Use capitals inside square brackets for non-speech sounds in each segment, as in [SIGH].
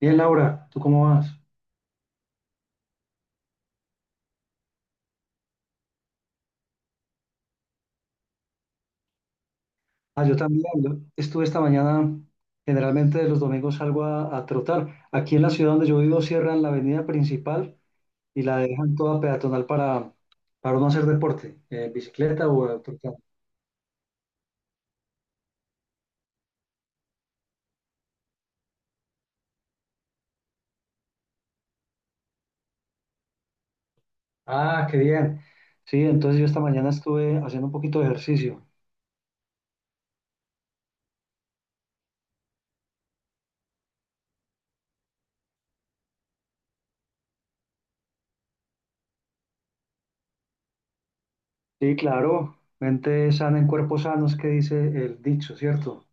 Bien, Laura, ¿tú cómo vas? Ah, yo también. Yo estuve esta mañana, generalmente los domingos salgo a trotar. Aquí en la ciudad donde yo vivo cierran la avenida principal y la dejan toda peatonal para uno hacer deporte, bicicleta o trotar. Ah, qué bien. Sí, entonces yo esta mañana estuve haciendo un poquito de ejercicio. Sí, claro, mente sana en cuerpo sano es que dice el dicho, ¿cierto?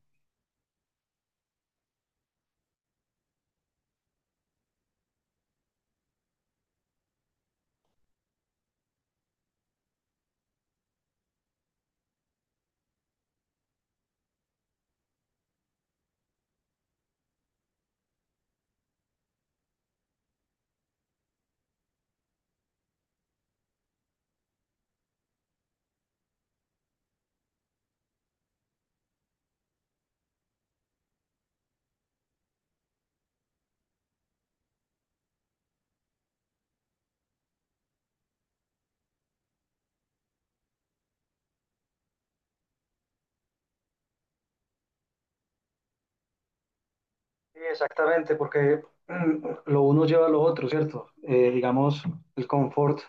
Sí, exactamente, porque [CLEARS THROAT] lo uno lleva a lo otro, ¿cierto? Digamos, el confort.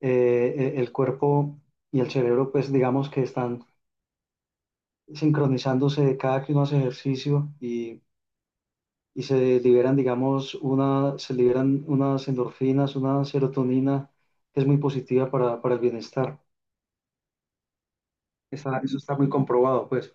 El cuerpo y el cerebro, pues digamos que están sincronizándose cada que uno hace ejercicio y se liberan, digamos, se liberan unas endorfinas, una serotonina que es muy positiva para el bienestar. Eso está muy comprobado, pues.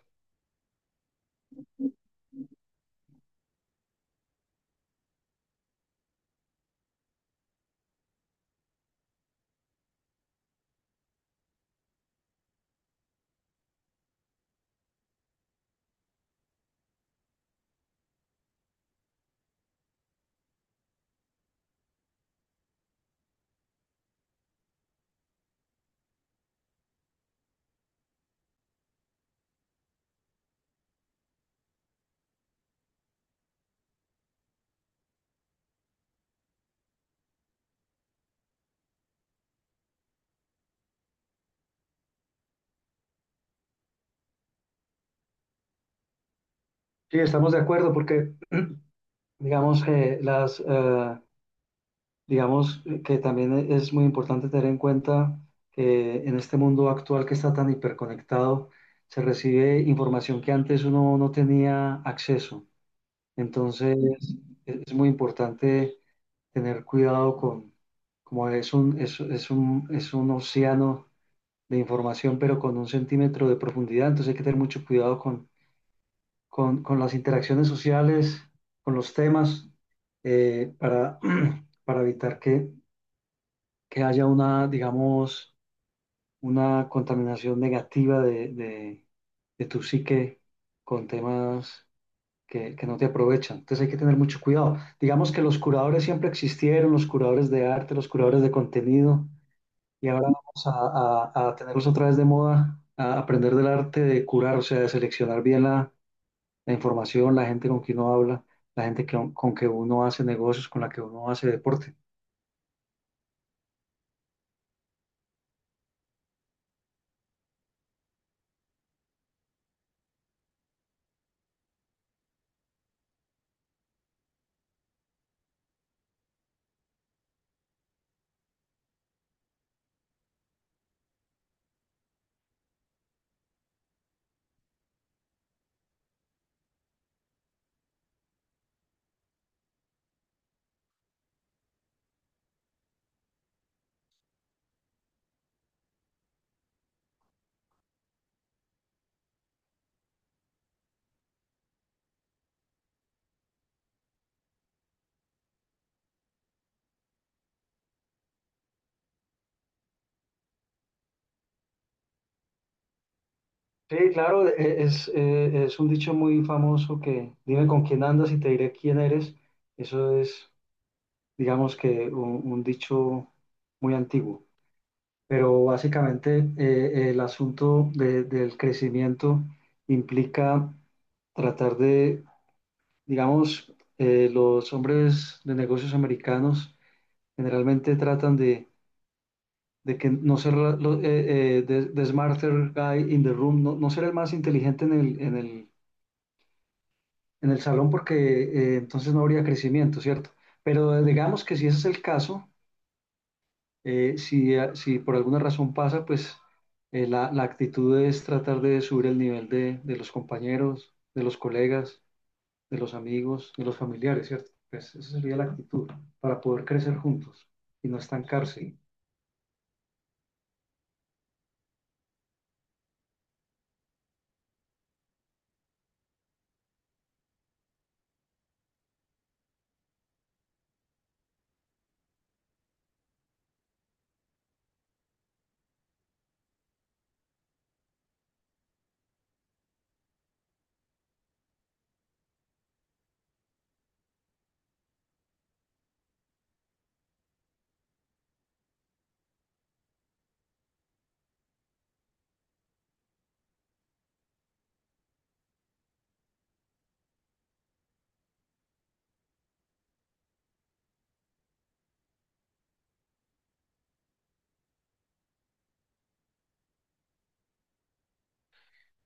Sí, estamos de acuerdo porque, [CLEARS THROAT] digamos que que también es muy importante tener en cuenta que en este mundo actual que está tan hiperconectado, se recibe información que antes uno no tenía acceso. Entonces, es muy importante tener cuidado como es un océano de información, pero con un centímetro de profundidad. Entonces, hay que tener mucho cuidado con las interacciones sociales, con los temas, eh, para, [CLEARS THROAT] para evitar que haya una, digamos, una contaminación negativa de tu psique con temas que no te aprovechan. Entonces hay que tener mucho cuidado. Digamos que los curadores siempre existieron, los curadores de arte, los curadores de contenido, y ahora vamos a tenerlos otra vez de moda, a aprender del arte de curar, o sea, de seleccionar bien la información, la gente con quien uno habla, la gente con que uno hace negocios, con la que uno hace deporte. Sí, claro, es un dicho muy famoso que dime con quién andas y te diré quién eres. Eso es, digamos que un dicho muy antiguo. Pero básicamente el asunto del crecimiento implica tratar de, digamos, los hombres de negocios americanos generalmente tratan de que no ser the, smarter guy in the room, no, no ser el más inteligente en el, en el salón porque entonces no habría crecimiento, ¿cierto? Pero digamos que si ese es el caso, si por alguna razón pasa, pues la actitud es tratar de subir el nivel de los compañeros, de los colegas, de los amigos, de los familiares, ¿cierto? Pues esa sería la actitud para poder crecer juntos y no estancarse.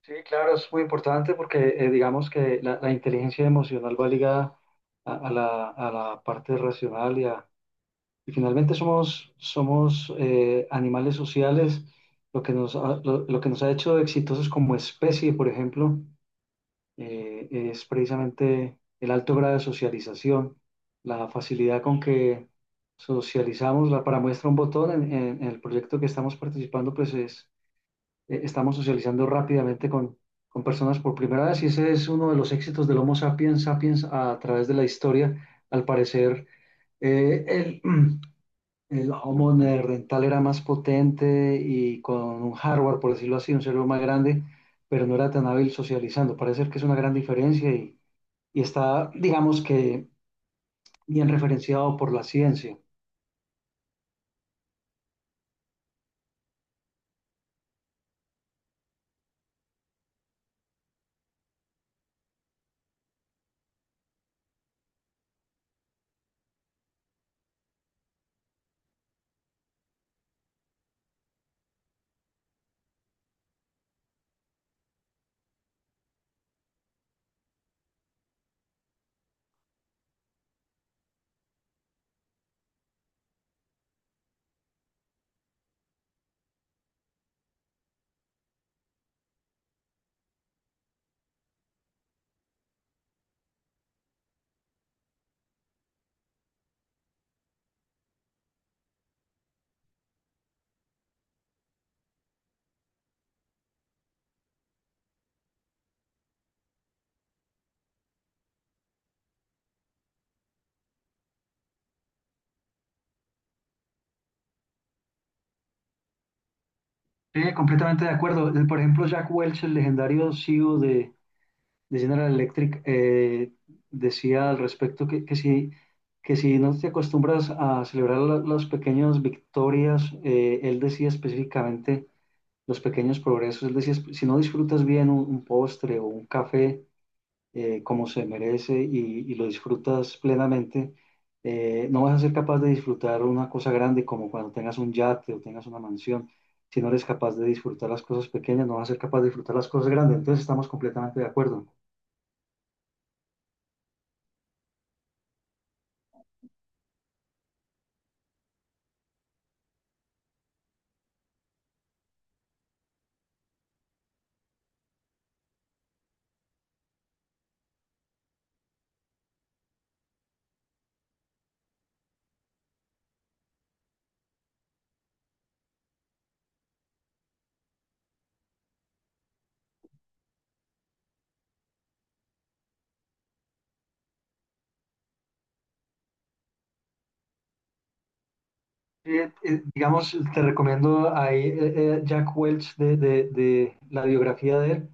Sí, claro, es muy importante porque digamos que la inteligencia emocional va ligada a la parte racional y finalmente somos animales sociales, lo que lo que nos ha hecho exitosos como especie, por ejemplo, es precisamente el alto grado de socialización, la facilidad con que socializamos, para muestra un botón, en el proyecto que estamos participando, pues es, estamos socializando rápidamente con personas por primera vez y ese es uno de los éxitos del Homo sapiens sapiens a través de la historia, al parecer eh, el, [CLEARS THROAT] el Harmony rental era más potente y con un hardware, por decirlo así, un cerebro más grande, pero no era tan hábil socializando. Parece ser que es una gran diferencia y está, digamos que, bien referenciado por la ciencia. Sí, completamente de acuerdo. Por ejemplo, Jack Welch, el legendario CEO de General Electric, decía al respecto que si no te acostumbras a celebrar las pequeñas victorias, él decía específicamente los pequeños progresos. Es decir, si no disfrutas bien un postre o un café como se merece y lo disfrutas plenamente, no vas a ser capaz de disfrutar una cosa grande como cuando tengas un yate o tengas una mansión. Si no eres capaz de disfrutar las cosas pequeñas, no vas a ser capaz de disfrutar las cosas grandes. Entonces estamos completamente de acuerdo. Digamos, te recomiendo ahí Jack Welch de la biografía de él.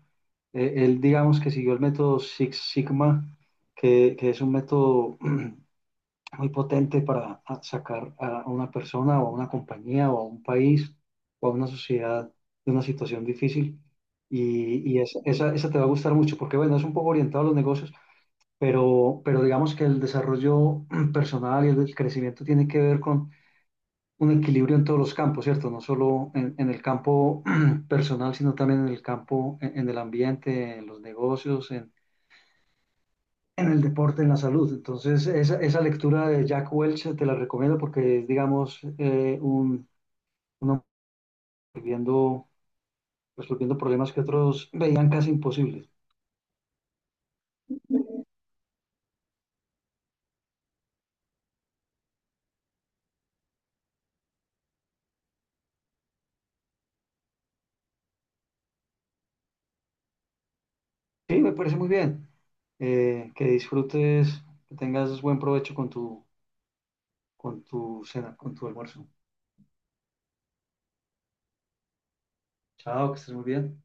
Él, digamos que siguió el método Six Sigma, que es un método [CLEARS THROAT] muy potente para sacar a una persona o a una compañía o a un país o a una sociedad de una situación difícil. Esa, esa te va a gustar mucho porque, bueno, es un poco orientado a los negocios, pero digamos que el desarrollo [CLEARS THROAT] personal y el crecimiento tiene que ver con un equilibrio en todos los campos, ¿cierto? No solo en el campo [CLEARS THROAT] personal, sino también en el campo, en el ambiente, en los negocios, en el deporte, en la salud. Entonces, esa lectura de Jack Welch te la recomiendo porque es, digamos, un hombre resolviendo, resolviendo problemas que otros veían casi imposibles. Sí, me parece muy bien. Que disfrutes, que tengas buen provecho con tu cena, con tu almuerzo. Chao, que estés muy bien.